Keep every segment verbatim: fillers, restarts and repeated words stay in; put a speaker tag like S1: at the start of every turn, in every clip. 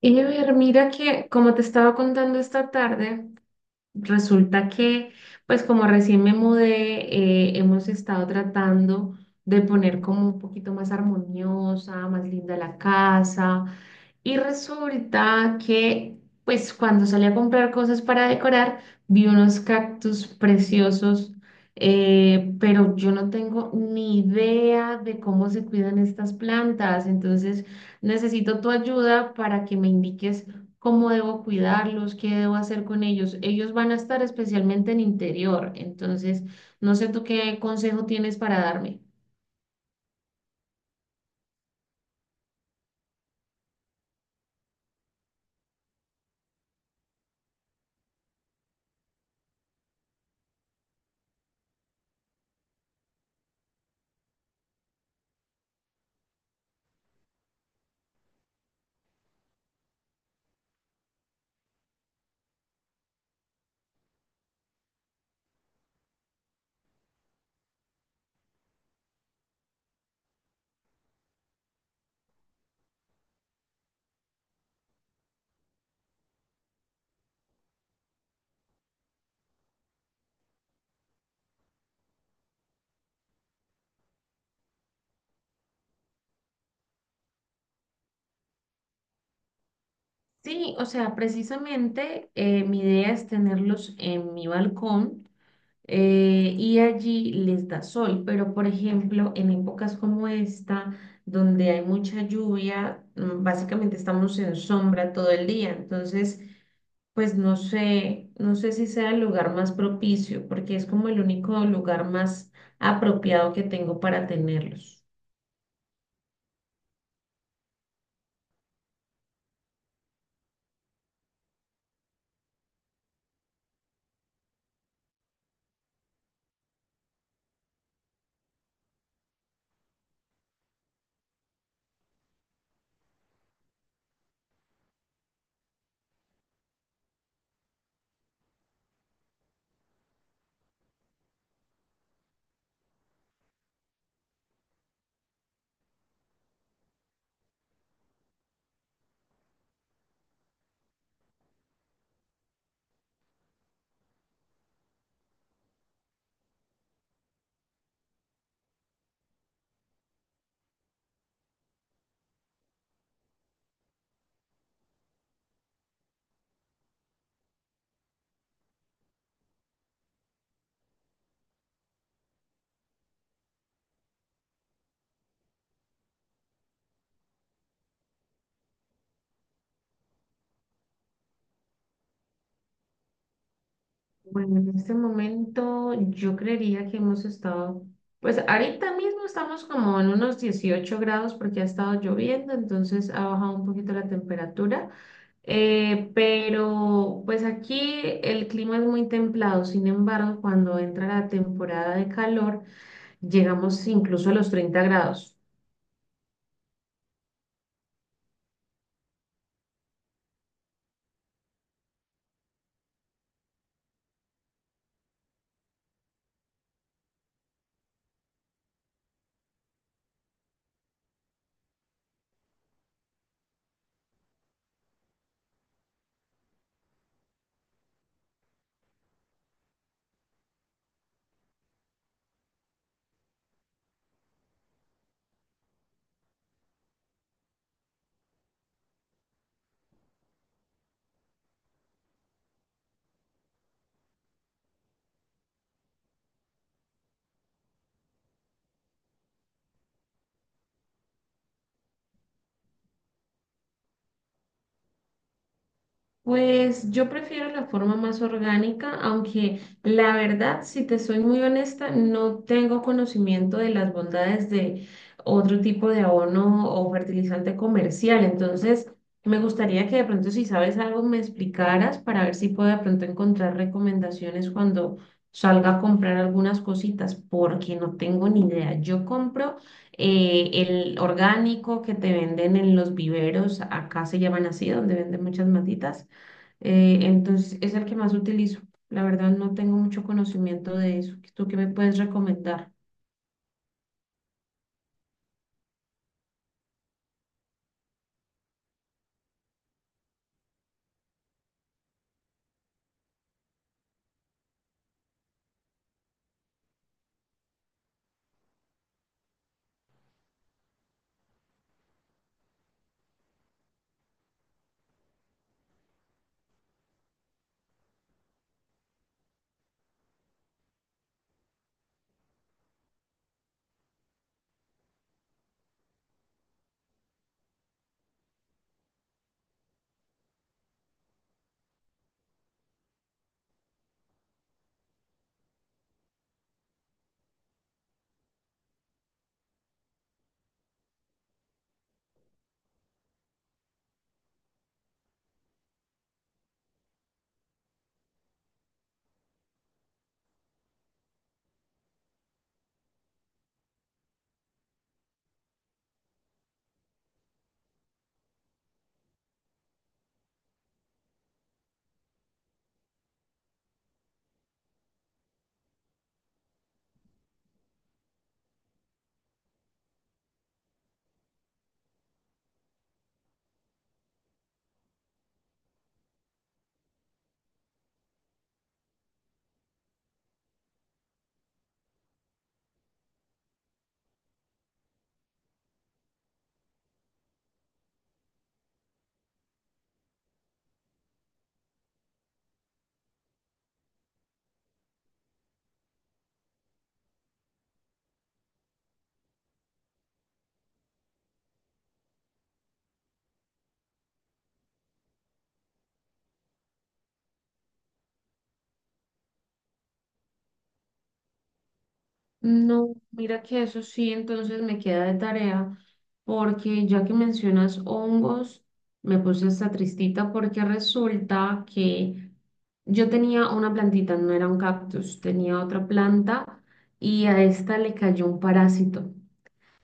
S1: Ever, mira que como te estaba contando esta tarde, resulta que pues como recién me mudé, eh, hemos estado tratando de poner como un poquito más armoniosa, más linda la casa. Y resulta que pues cuando salí a comprar cosas para decorar, vi unos cactus preciosos, eh, pero yo no tengo ni idea de cómo se cuidan estas plantas. Entonces necesito tu ayuda para que me indiques cómo debo cuidarlos, qué debo hacer con ellos. Ellos van a estar especialmente en interior. Entonces, no sé tú qué consejo tienes para darme. Sí, o sea, precisamente eh, mi idea es tenerlos en mi balcón, eh, y allí les da sol, pero por ejemplo, en épocas como esta, donde hay mucha lluvia, mm, básicamente estamos en sombra todo el día. Entonces pues no sé, no sé si sea el lugar más propicio, porque es como el único lugar más apropiado que tengo para tenerlos. Bueno, en este momento yo creería que hemos estado, pues ahorita mismo estamos como en unos dieciocho grados, porque ha estado lloviendo, entonces ha bajado un poquito la temperatura. Eh, pero pues aquí el clima es muy templado. Sin embargo, cuando entra la temporada de calor, llegamos incluso a los treinta grados. Pues yo prefiero la forma más orgánica, aunque la verdad, si te soy muy honesta, no tengo conocimiento de las bondades de otro tipo de abono o fertilizante comercial. Entonces, me gustaría que de pronto, si sabes algo, me explicaras para ver si puedo de pronto encontrar recomendaciones cuando salga a comprar algunas cositas, porque no tengo ni idea. Yo compro eh, el orgánico que te venden en los viveros, acá se llaman así, donde venden muchas matitas. Eh, entonces es el que más utilizo. La verdad no tengo mucho conocimiento de eso. ¿Tú qué me puedes recomendar? No, mira que eso sí, entonces me queda de tarea, porque ya que mencionas hongos, me puse esta tristita, porque resulta que yo tenía una plantita, no era un cactus, tenía otra planta y a esta le cayó un parásito.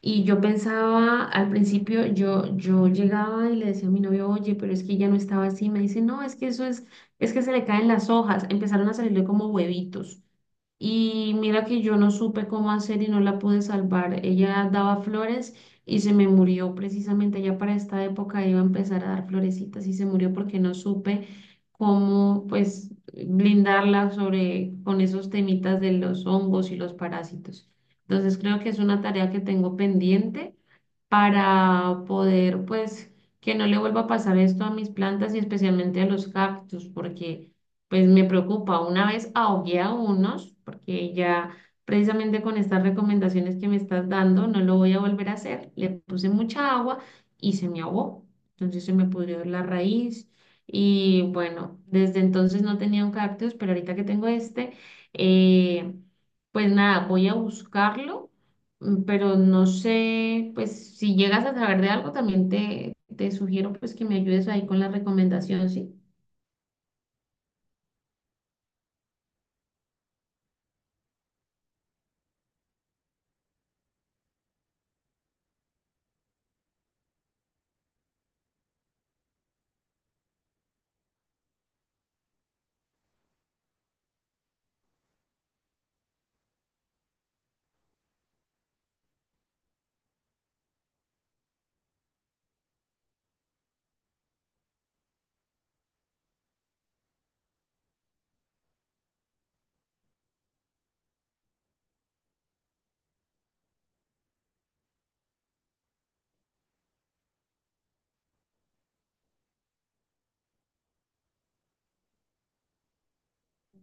S1: Y yo pensaba, al principio, yo, yo llegaba y le decía a mi novio: oye, pero es que ya no estaba así. Me dice: no, es que eso es, es que se le caen las hojas. Empezaron a salirle como huevitos. Y mira que yo no supe cómo hacer y no la pude salvar. Ella daba flores y se me murió. Precisamente ya para esta época iba a empezar a dar florecitas y se murió, porque no supe cómo, pues, blindarla sobre, con esos temitas de los hongos y los parásitos. Entonces creo que es una tarea que tengo pendiente para poder, pues, que no le vuelva a pasar esto a mis plantas, y especialmente a los cactus, porque pues me preocupa. Una vez ahogué a unos, porque ya, precisamente con estas recomendaciones que me estás dando, no lo voy a volver a hacer. Le puse mucha agua y se me ahogó. Entonces se me pudrió la raíz. Y bueno, desde entonces no tenía un cactus, pero ahorita que tengo este, eh, pues nada, voy a buscarlo. Mm, pero no sé, pues si llegas a saber de algo, también te, te sugiero pues que me ayudes ahí con la recomendación, ¿sí?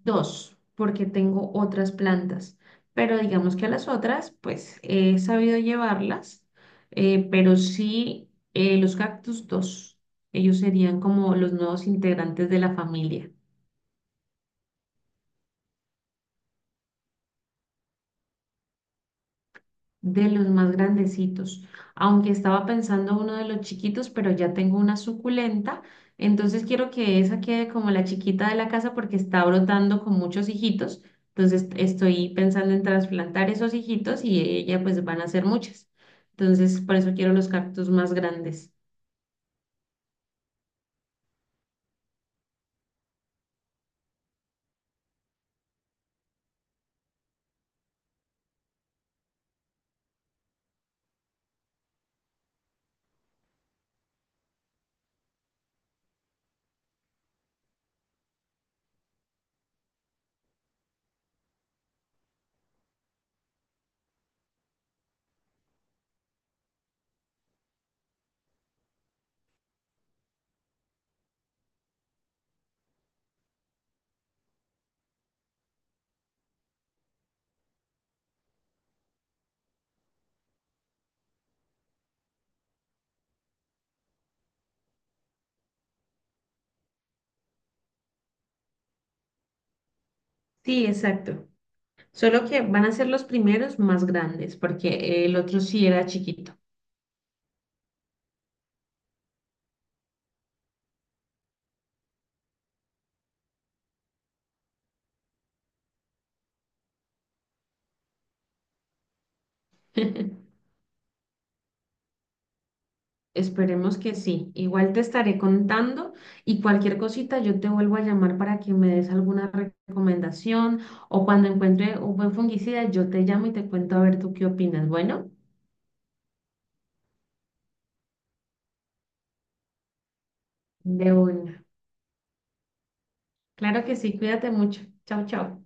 S1: Dos, porque tengo otras plantas, pero digamos que a las otras, pues he sabido llevarlas. Eh, pero sí, eh, los cactus dos, ellos serían como los nuevos integrantes de la familia. De los más grandecitos, aunque estaba pensando uno de los chiquitos, pero ya tengo una suculenta, entonces quiero que esa quede como la chiquita de la casa, porque está brotando con muchos hijitos. Entonces estoy pensando en trasplantar esos hijitos y ella, pues van a ser muchas, entonces por eso quiero los cactus más grandes. Sí, exacto, solo que van a ser los primeros más grandes, porque el otro sí era chiquito. Esperemos que sí. Igual te estaré contando, y cualquier cosita yo te vuelvo a llamar para que me des alguna re- recomendación, o cuando encuentre un buen fungicida yo te llamo y te cuento a ver tú qué opinas. Bueno, de una. Claro que sí, cuídate mucho. Chao, chao.